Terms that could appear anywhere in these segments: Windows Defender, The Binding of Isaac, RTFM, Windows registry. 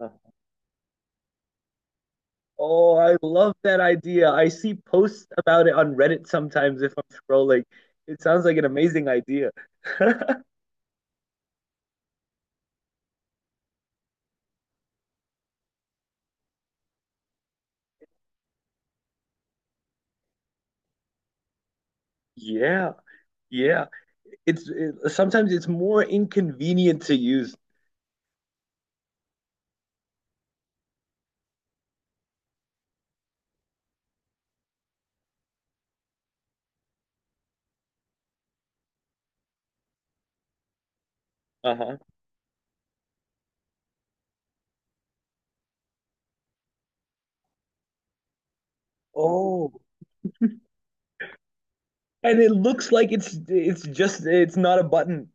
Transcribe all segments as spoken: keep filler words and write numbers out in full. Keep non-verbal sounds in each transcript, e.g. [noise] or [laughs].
Uh, Oh, I love that idea. I see posts about it on Reddit sometimes if I'm scrolling. It sounds like an amazing idea. [laughs] Yeah, yeah. It's it, sometimes it's more inconvenient to use. Uh-huh. Oh. And it looks like it's it's just it's not a button.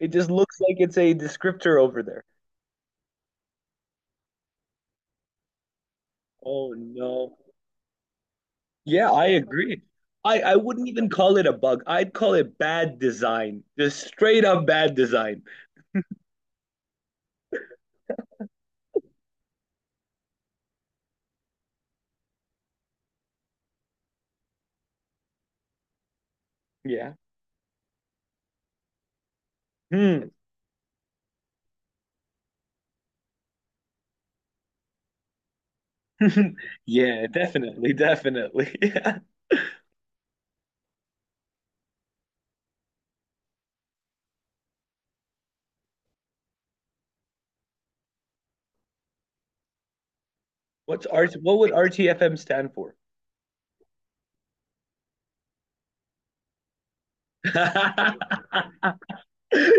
It just looks like it's a descriptor over there. Oh no. Yeah, I agree. I I wouldn't even call it a bug. I'd call it bad design. Just straight up bad design. Yeah. Hmm. [laughs] Yeah, definitely, definitely. [laughs] Yeah. What's R what would R T F M stand for? [laughs]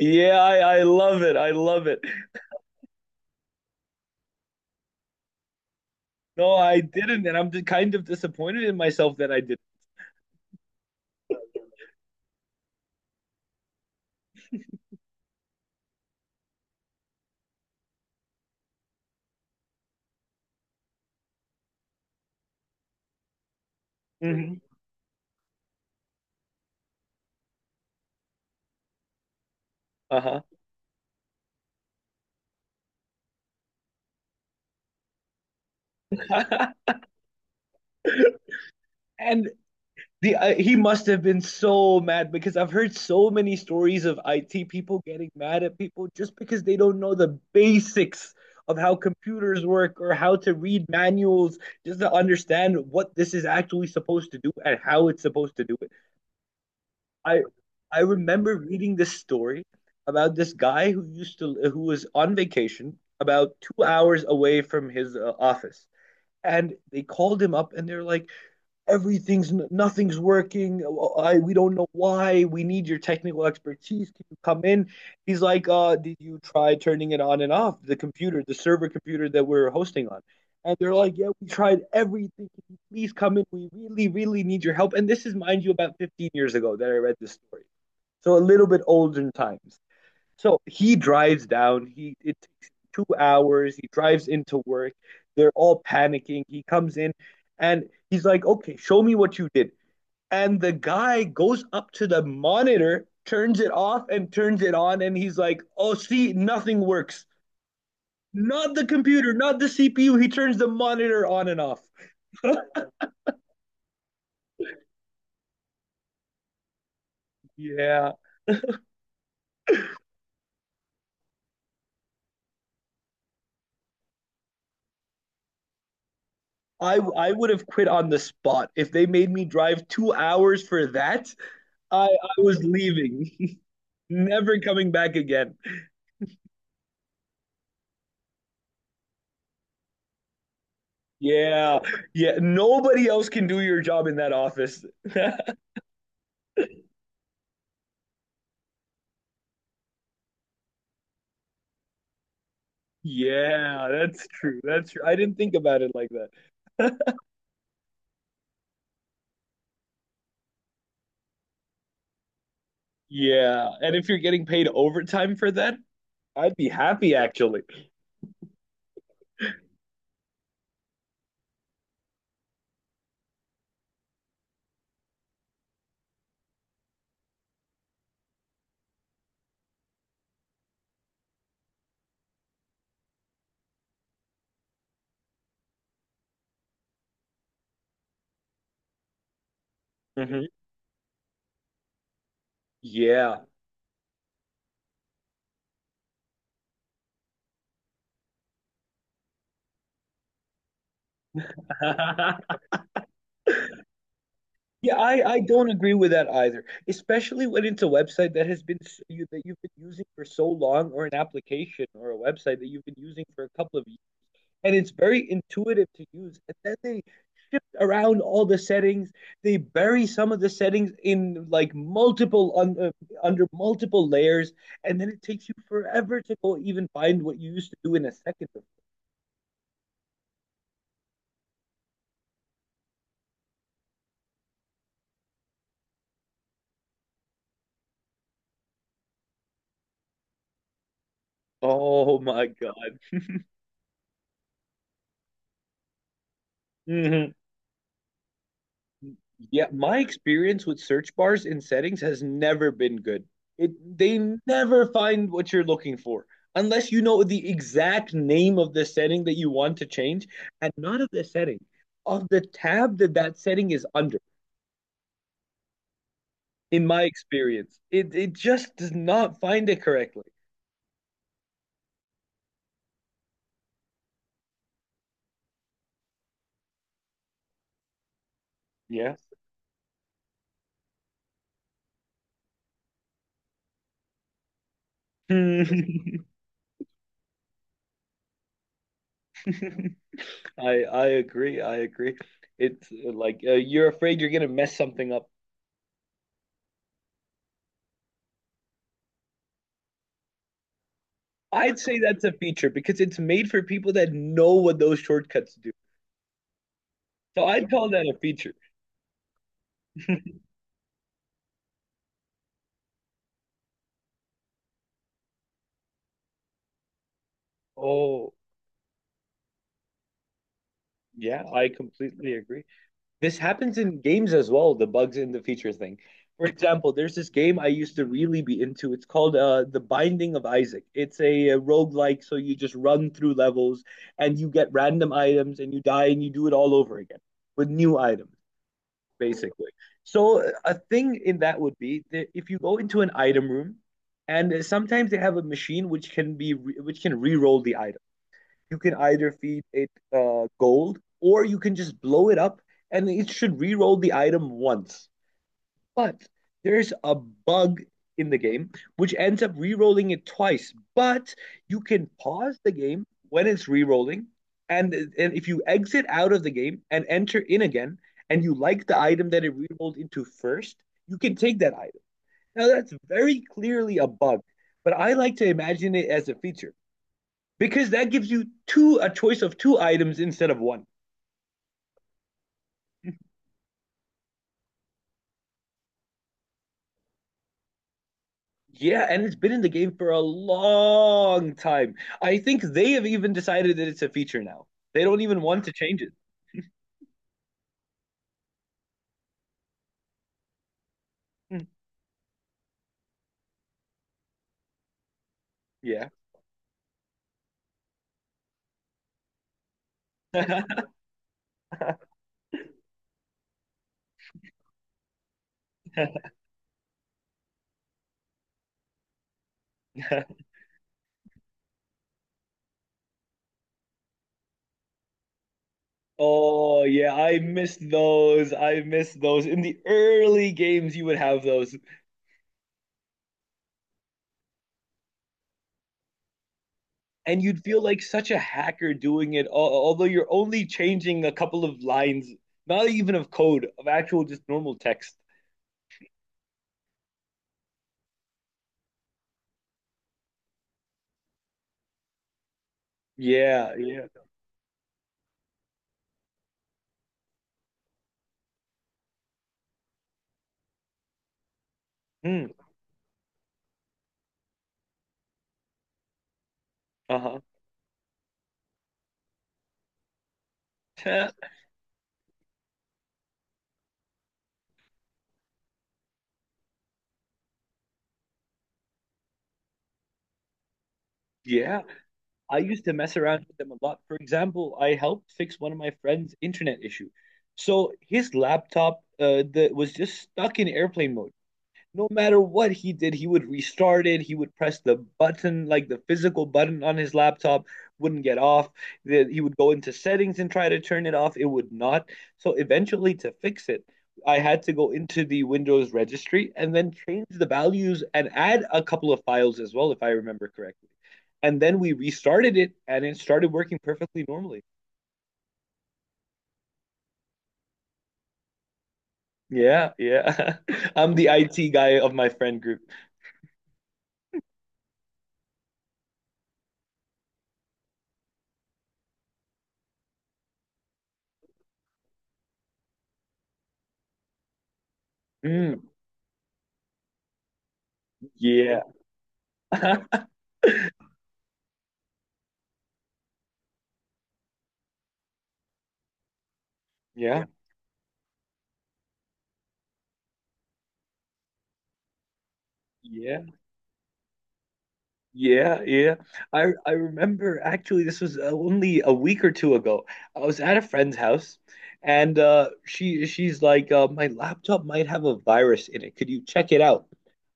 Yeah, I, I love it. I love it. No, I didn't, and I'm just kind of disappointed in myself that I didn't. Mhm. Uh-huh. [laughs] and the uh, he must have been so mad because I've heard so many stories of I T people getting mad at people just because they don't know the basics of how computers work or how to read manuals just to understand what this is actually supposed to do and how it's supposed to do it. I I remember reading this story about this guy who used to who was on vacation about two hours away from his uh, office, and they called him up and they're like, everything's nothing's working. Uh, uh, I, we don't know why. We need your technical expertise. Can you come in? He's like, uh, did you try turning it on and off, the computer, the server computer that we're hosting on? And they're like, yeah, we tried everything. Can you please come in? We really, really need your help. And this is, mind you, about fifteen years ago that I read this story. So a little bit older in times. So he drives down. He it takes two hours. He drives into work. They're all panicking. He comes in and he's like, "Okay, show me what you did." And the guy goes up to the monitor, turns it off, and turns it on, and he's like, "Oh, see, nothing works. Not the computer, not the C P U. He turns the monitor on and off." Yeah, I I would have quit on the spot if they made me drive two hours for that. I I was leaving. [laughs] Never coming back again. Yeah. Yeah. Nobody else can do your job in that office. [laughs] Yeah, that's true. That's true. I didn't think about it like that. [laughs] Yeah. And if you're getting paid overtime for that, I'd be happy actually. Hmm. Yeah. [laughs] Yeah, I, I don't agree with that either, especially when it's a website that has been s- you that you've been using for so long, or an application or a website that you've been using for a couple of, and it's very intuitive to use. And then they around all the settings, they bury some of the settings in like multiple un, uh, under multiple layers, and then it takes you forever to go even find what you used to do in a second. Oh my god. Mhm. Yeah, my experience with search bars in settings has never been good. It they never find what you're looking for unless you know the exact name of the setting that you want to change, and not of the setting, of the tab that that setting is under. In my experience, it it just does not find it correctly. Yeah. [laughs] I I agree. I agree. It's uh, like uh, You're afraid you're gonna mess something up. I'd say that's a feature because it's made for people that know what those shortcuts do. So I'd call that a feature. [laughs] Oh, yeah, I completely agree. This happens in games as well, the bugs in the feature thing. For example, there's this game I used to really be into. It's called uh, The Binding of Isaac. It's a, a roguelike, so you just run through levels and you get random items and you die and you do it all over again with new items. Basically. So a thing in that would be that if you go into an item room, and sometimes they have a machine which can be which can re-roll the item. You can either feed it uh, gold or you can just blow it up, and it should re-roll the item once. But there's a bug in the game which ends up re-rolling it twice. But you can pause the game when it's re-rolling, and and if you exit out of the game and enter in again, and you like the item that it re-rolled into first, you can take that item. Now that's very clearly a bug, but I like to imagine it as a feature because that gives you two a choice of two items instead of one. Yeah, and it's been in the game for a long time. I think they have even decided that it's a feature now. They don't even want to change it. Mm. Yeah. [laughs] Oh, yeah, I missed those. I missed those. In the early games, you would have those, and you'd feel like such a hacker doing it, al- although you're only changing a couple of lines, not even of code, of actual just normal text. Yeah, yeah. Hmm. Uh-huh. [laughs] Yeah. I used to mess around with them a lot. For example, I helped fix one of my friend's internet issue. So his laptop uh, the, was just stuck in airplane mode. No matter what he did, he would restart it. He would press the button, like the physical button on his laptop, wouldn't get off. He would go into settings and try to turn it off. It would not. So eventually, to fix it, I had to go into the Windows registry and then change the values and add a couple of files as well, if I remember correctly. And then we restarted it and it started working perfectly normally. Yeah, yeah. [laughs] I'm the I T guy of my friend group. Mm, yeah. [laughs] Yeah. Yeah. Yeah, yeah. I I remember actually this was uh, only a week or two ago. I was at a friend's house, and uh she she's like uh, my laptop might have a virus in it. Could you check it out?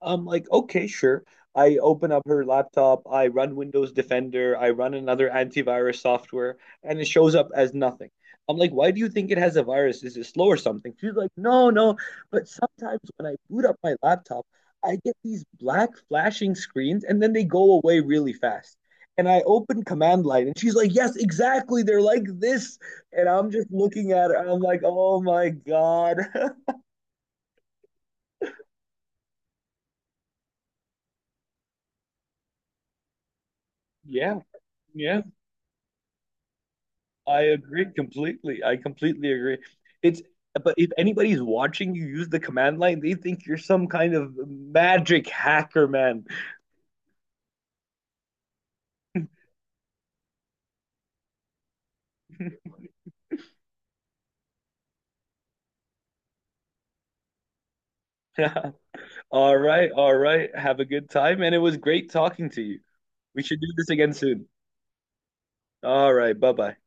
I'm like, okay, sure. I open up her laptop, I run Windows Defender, I run another antivirus software, and it shows up as nothing. I'm like, why do you think it has a virus? Is it slow or something? She's like, no, no. But sometimes when I boot up my laptop, I get these black flashing screens and then they go away really fast. And I open command line and she's like, yes, exactly. They're like this. And I'm just looking at her. I'm like, oh my God. [laughs] Yeah, yeah. I agree completely. I completely agree. It's but if anybody's watching you use the command line, they think you're some kind of magic hacker, man. [laughs] All right, all right. Have a good time, and it was great talking to you. We should do this again soon. All right, bye-bye.